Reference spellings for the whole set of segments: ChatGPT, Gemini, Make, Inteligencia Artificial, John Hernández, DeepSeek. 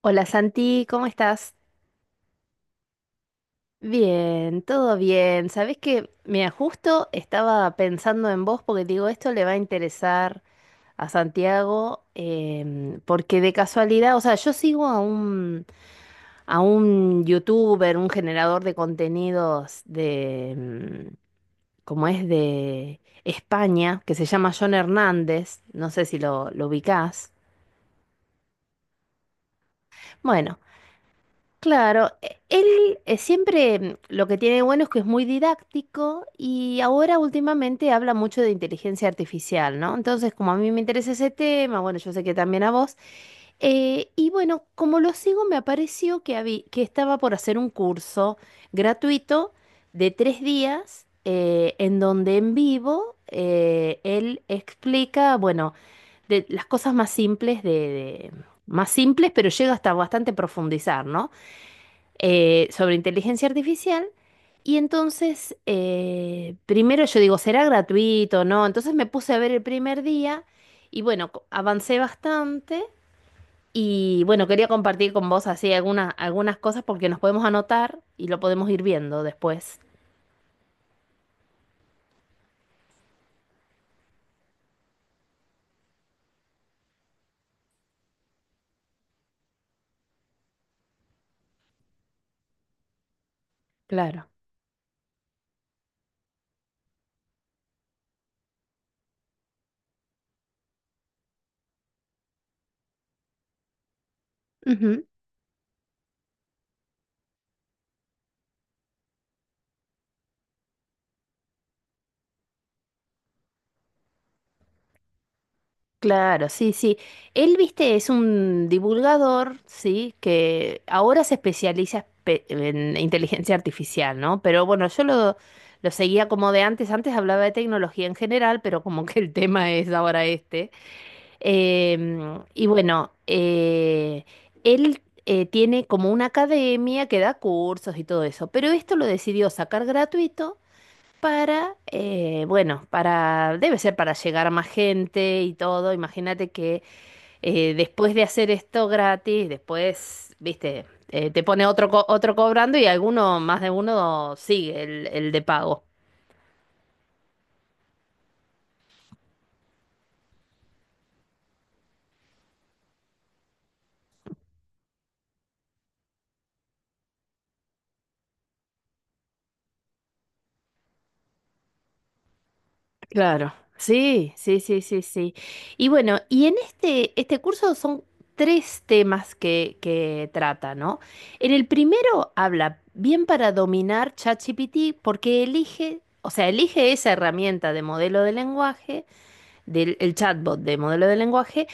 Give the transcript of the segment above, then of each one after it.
Hola Santi, ¿cómo estás? Bien, todo bien. Sabés que, mira, justo estaba pensando en vos porque digo, esto le va a interesar a Santiago, porque de casualidad, o sea, yo sigo a a un youtuber, un generador de contenidos de, como es de España, que se llama John Hernández, no sé si lo ubicás. Bueno. Claro, él siempre lo que tiene bueno es que es muy didáctico y ahora últimamente habla mucho de inteligencia artificial, ¿no? Entonces, como a mí me interesa ese tema, bueno, yo sé que también a vos, y bueno, como lo sigo, me apareció que estaba por hacer un curso gratuito de tres días en donde en vivo él explica, bueno, de las cosas más simples más simples, pero llega hasta bastante profundizar, ¿no? Sobre inteligencia artificial. Y entonces, primero yo digo, ¿será gratuito? No. Entonces me puse a ver el primer día y bueno, avancé bastante. Y bueno, quería compartir con vos así algunas cosas porque nos podemos anotar y lo podemos ir viendo después. Claro. Claro, sí, sí. Él, viste, es un divulgador, sí, que ahora se especializa en inteligencia artificial, ¿no? Pero bueno, lo seguía como de antes. Antes hablaba de tecnología en general, pero como que el tema es ahora este. Y bueno, él tiene como una academia que da cursos y todo eso, pero esto lo decidió sacar gratuito para, bueno, para, debe ser para llegar a más gente y todo. Imagínate que después de hacer esto gratis, después, viste, te pone otro cobrando y alguno, más de uno, sigue el de pago. Claro, sí, sí, sí, sí, sí. Y bueno, y en este curso son tres temas que trata, ¿no? En el primero habla bien para dominar ChatGPT porque elige, o sea, elige esa herramienta de modelo de lenguaje, del el chatbot de modelo de lenguaje,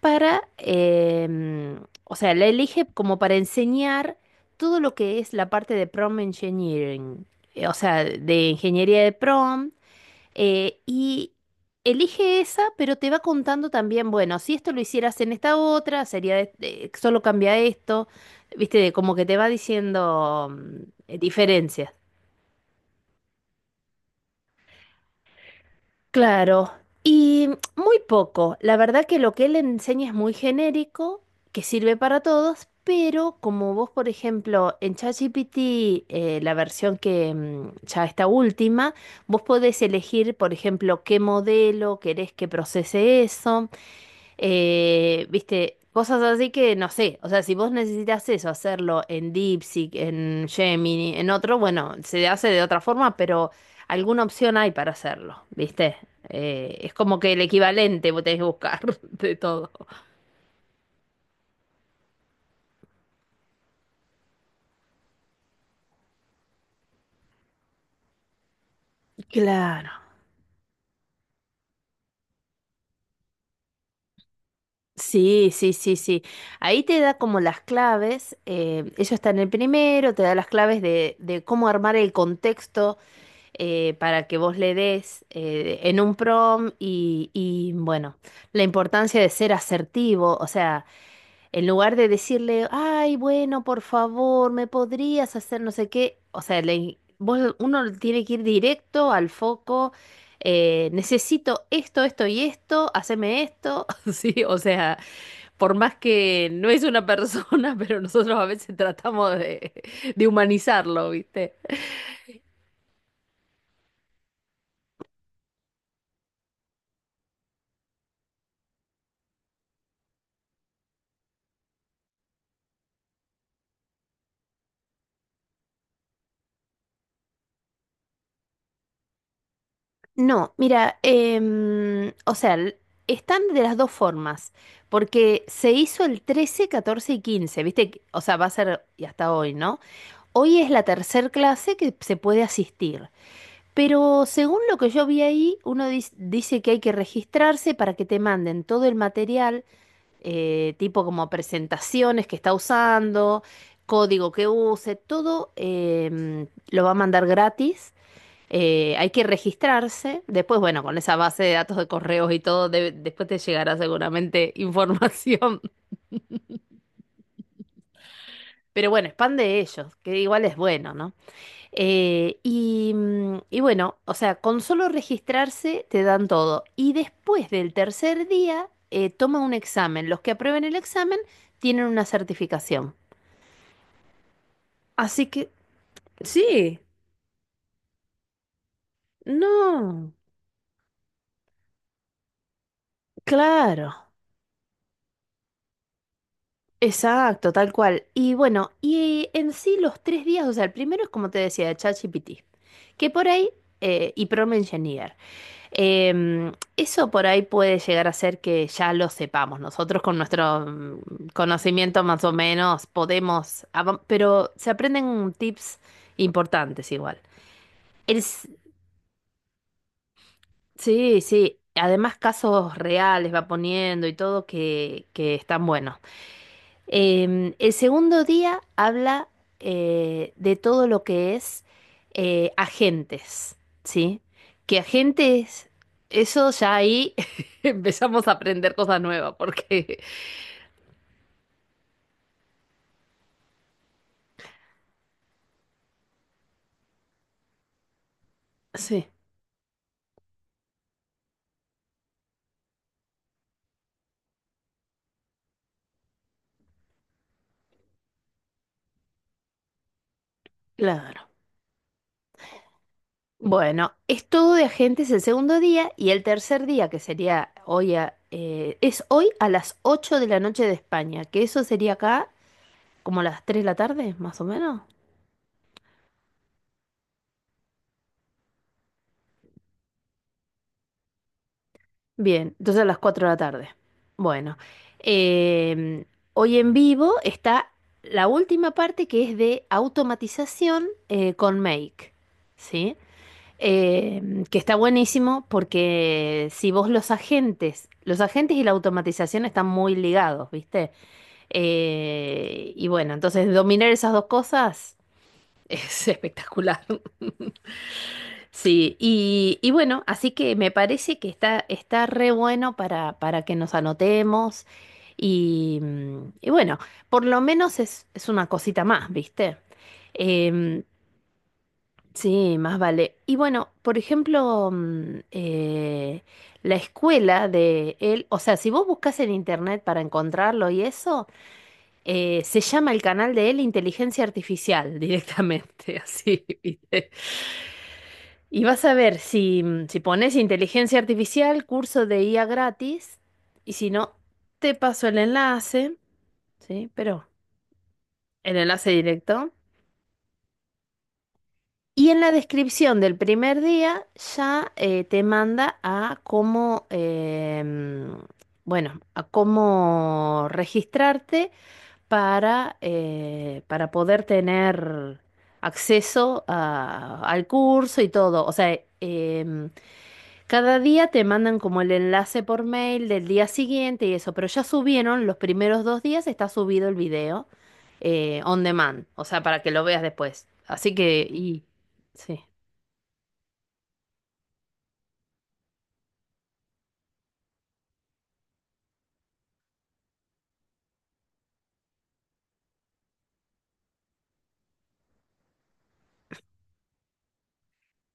para, o sea, la elige como para enseñar todo lo que es la parte de prompt engineering, o sea, de ingeniería de prompt y elige esa, pero te va contando también, bueno, si esto lo hicieras en esta otra, sería solo cambia esto, viste, como que te va diciendo diferencias. Claro, y muy poco. La verdad que lo que él enseña es muy genérico, que sirve para todos, pero como vos, por ejemplo, en ChatGPT, la versión que ya está última, vos podés elegir, por ejemplo, qué modelo querés que procese eso. Viste, cosas así que no sé. O sea, si vos necesitas eso, hacerlo en DeepSeek, en Gemini, en otro, bueno, se hace de otra forma, pero alguna opción hay para hacerlo, ¿viste? Es como que el equivalente vos tenés que buscar de todo. Claro. Sí, sí, sí, sí. Ahí te da como las claves, ellos están en el primero, te da las claves de cómo armar el contexto para que vos le des en un prom bueno, la importancia de ser asertivo, o sea, en lugar de decirle, ay, bueno, por favor, me podrías hacer no sé qué, o sea, uno tiene que ir directo al foco, necesito esto, esto y esto, haceme esto, sí, o sea, por más que no es una persona, pero nosotros a veces tratamos de humanizarlo, ¿viste? No, mira, o sea, están de las dos formas, porque se hizo el 13, 14 y 15, ¿viste? Que- O sea, va a ser y hasta hoy, ¿no? Hoy es la tercer clase que se puede asistir, pero según lo que yo vi ahí, uno dice que hay que registrarse para que te manden todo el material, tipo como presentaciones que está usando, código que use, todo lo va a mandar gratis. Hay que registrarse. Después, bueno, con esa base de datos de correos y todo, después te llegará seguramente información. Pero bueno, es pan de ellos, que igual es bueno, ¿no? Y bueno, o sea, con solo registrarse te dan todo. Y después del tercer día, toma un examen. Los que aprueben el examen tienen una certificación. Así que, sí, no, claro. Exacto, tal cual. Y bueno, y en sí los tres días, o sea, el primero es como te decía, de ChatGPT, que por ahí, y Prompt Engineer, eso por ahí puede llegar a ser que ya lo sepamos. Nosotros con nuestro conocimiento más o menos podemos, pero se aprenden tips importantes igual. El s- sí, sí, además casos reales va poniendo y todo que están buenos. El segundo día habla de todo lo que es agentes, ¿sí? Que agentes, eso ya ahí empezamos a aprender cosas nuevas, porque… Sí, claro. Bueno, es todo de agentes el segundo día y el tercer día, que sería hoy, es hoy a las 8 de la noche de España, que eso sería acá como las 3 de la tarde, más o menos. Bien, entonces a las 4 de la tarde. Bueno, em, hoy en vivo está la última parte que es de automatización con Make, ¿sí? Que está buenísimo porque si vos los agentes y la automatización están muy ligados, ¿viste? Y bueno, entonces dominar esas dos cosas es espectacular. Sí, bueno, así que me parece que está, está re bueno para que nos anotemos y bueno, por lo menos es una cosita más, ¿viste? Em, sí, más vale. Y bueno, por ejemplo, la escuela de él, o sea, si vos buscas en internet para encontrarlo y eso, se llama el canal de él Inteligencia Artificial directamente, así, ¿viste? Y vas a ver si pones inteligencia artificial, curso de IA gratis, y si no, te paso el enlace, ¿sí? Pero el enlace directo. Y en la descripción del primer día ya te manda a cómo, bueno, a cómo registrarte para poder tener acceso al curso y todo. O sea, em, cada día te mandan como el enlace por mail del día siguiente y eso, pero ya subieron los primeros dos días, está subido el video on demand, o sea, para que lo veas después. Así que, y sí.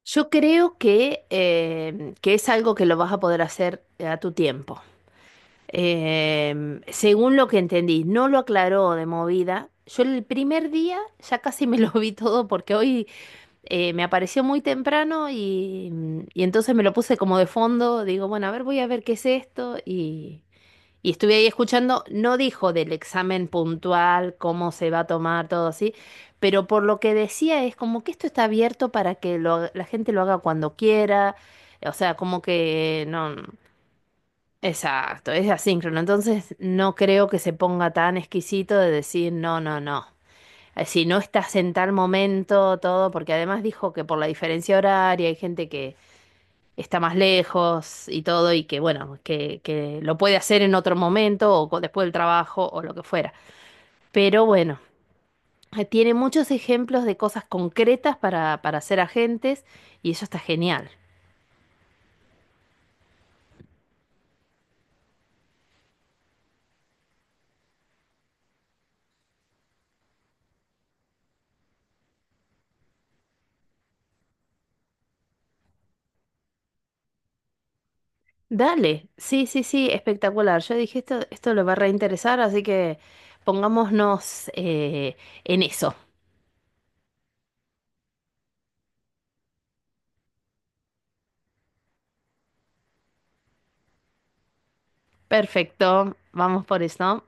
Yo creo que es algo que lo vas a poder hacer a tu tiempo. Según lo que entendí, no lo aclaró de movida. Yo el primer día ya casi me lo vi todo porque hoy me apareció muy temprano y entonces me lo puse como de fondo. Digo, bueno, a ver, voy a ver qué es esto. Y estuve ahí escuchando. No dijo del examen puntual, cómo se va a tomar, todo así. Pero por lo que decía es como que esto está abierto para que la gente lo haga cuando quiera. O sea, como que no. Exacto, es asíncrono. Entonces no creo que se ponga tan exquisito de decir, no, no, no si no estás en tal momento, todo, porque además dijo que por la diferencia horaria hay gente que está más lejos y todo, y que bueno, que lo puede hacer en otro momento o después del trabajo o lo que fuera. Pero bueno, tiene muchos ejemplos de cosas concretas para ser agentes y eso está genial. Dale, sí, sí, sí, espectacular. Yo dije, esto le va a reinteresar, así que pongámonos en eso. Perfecto, vamos por eso.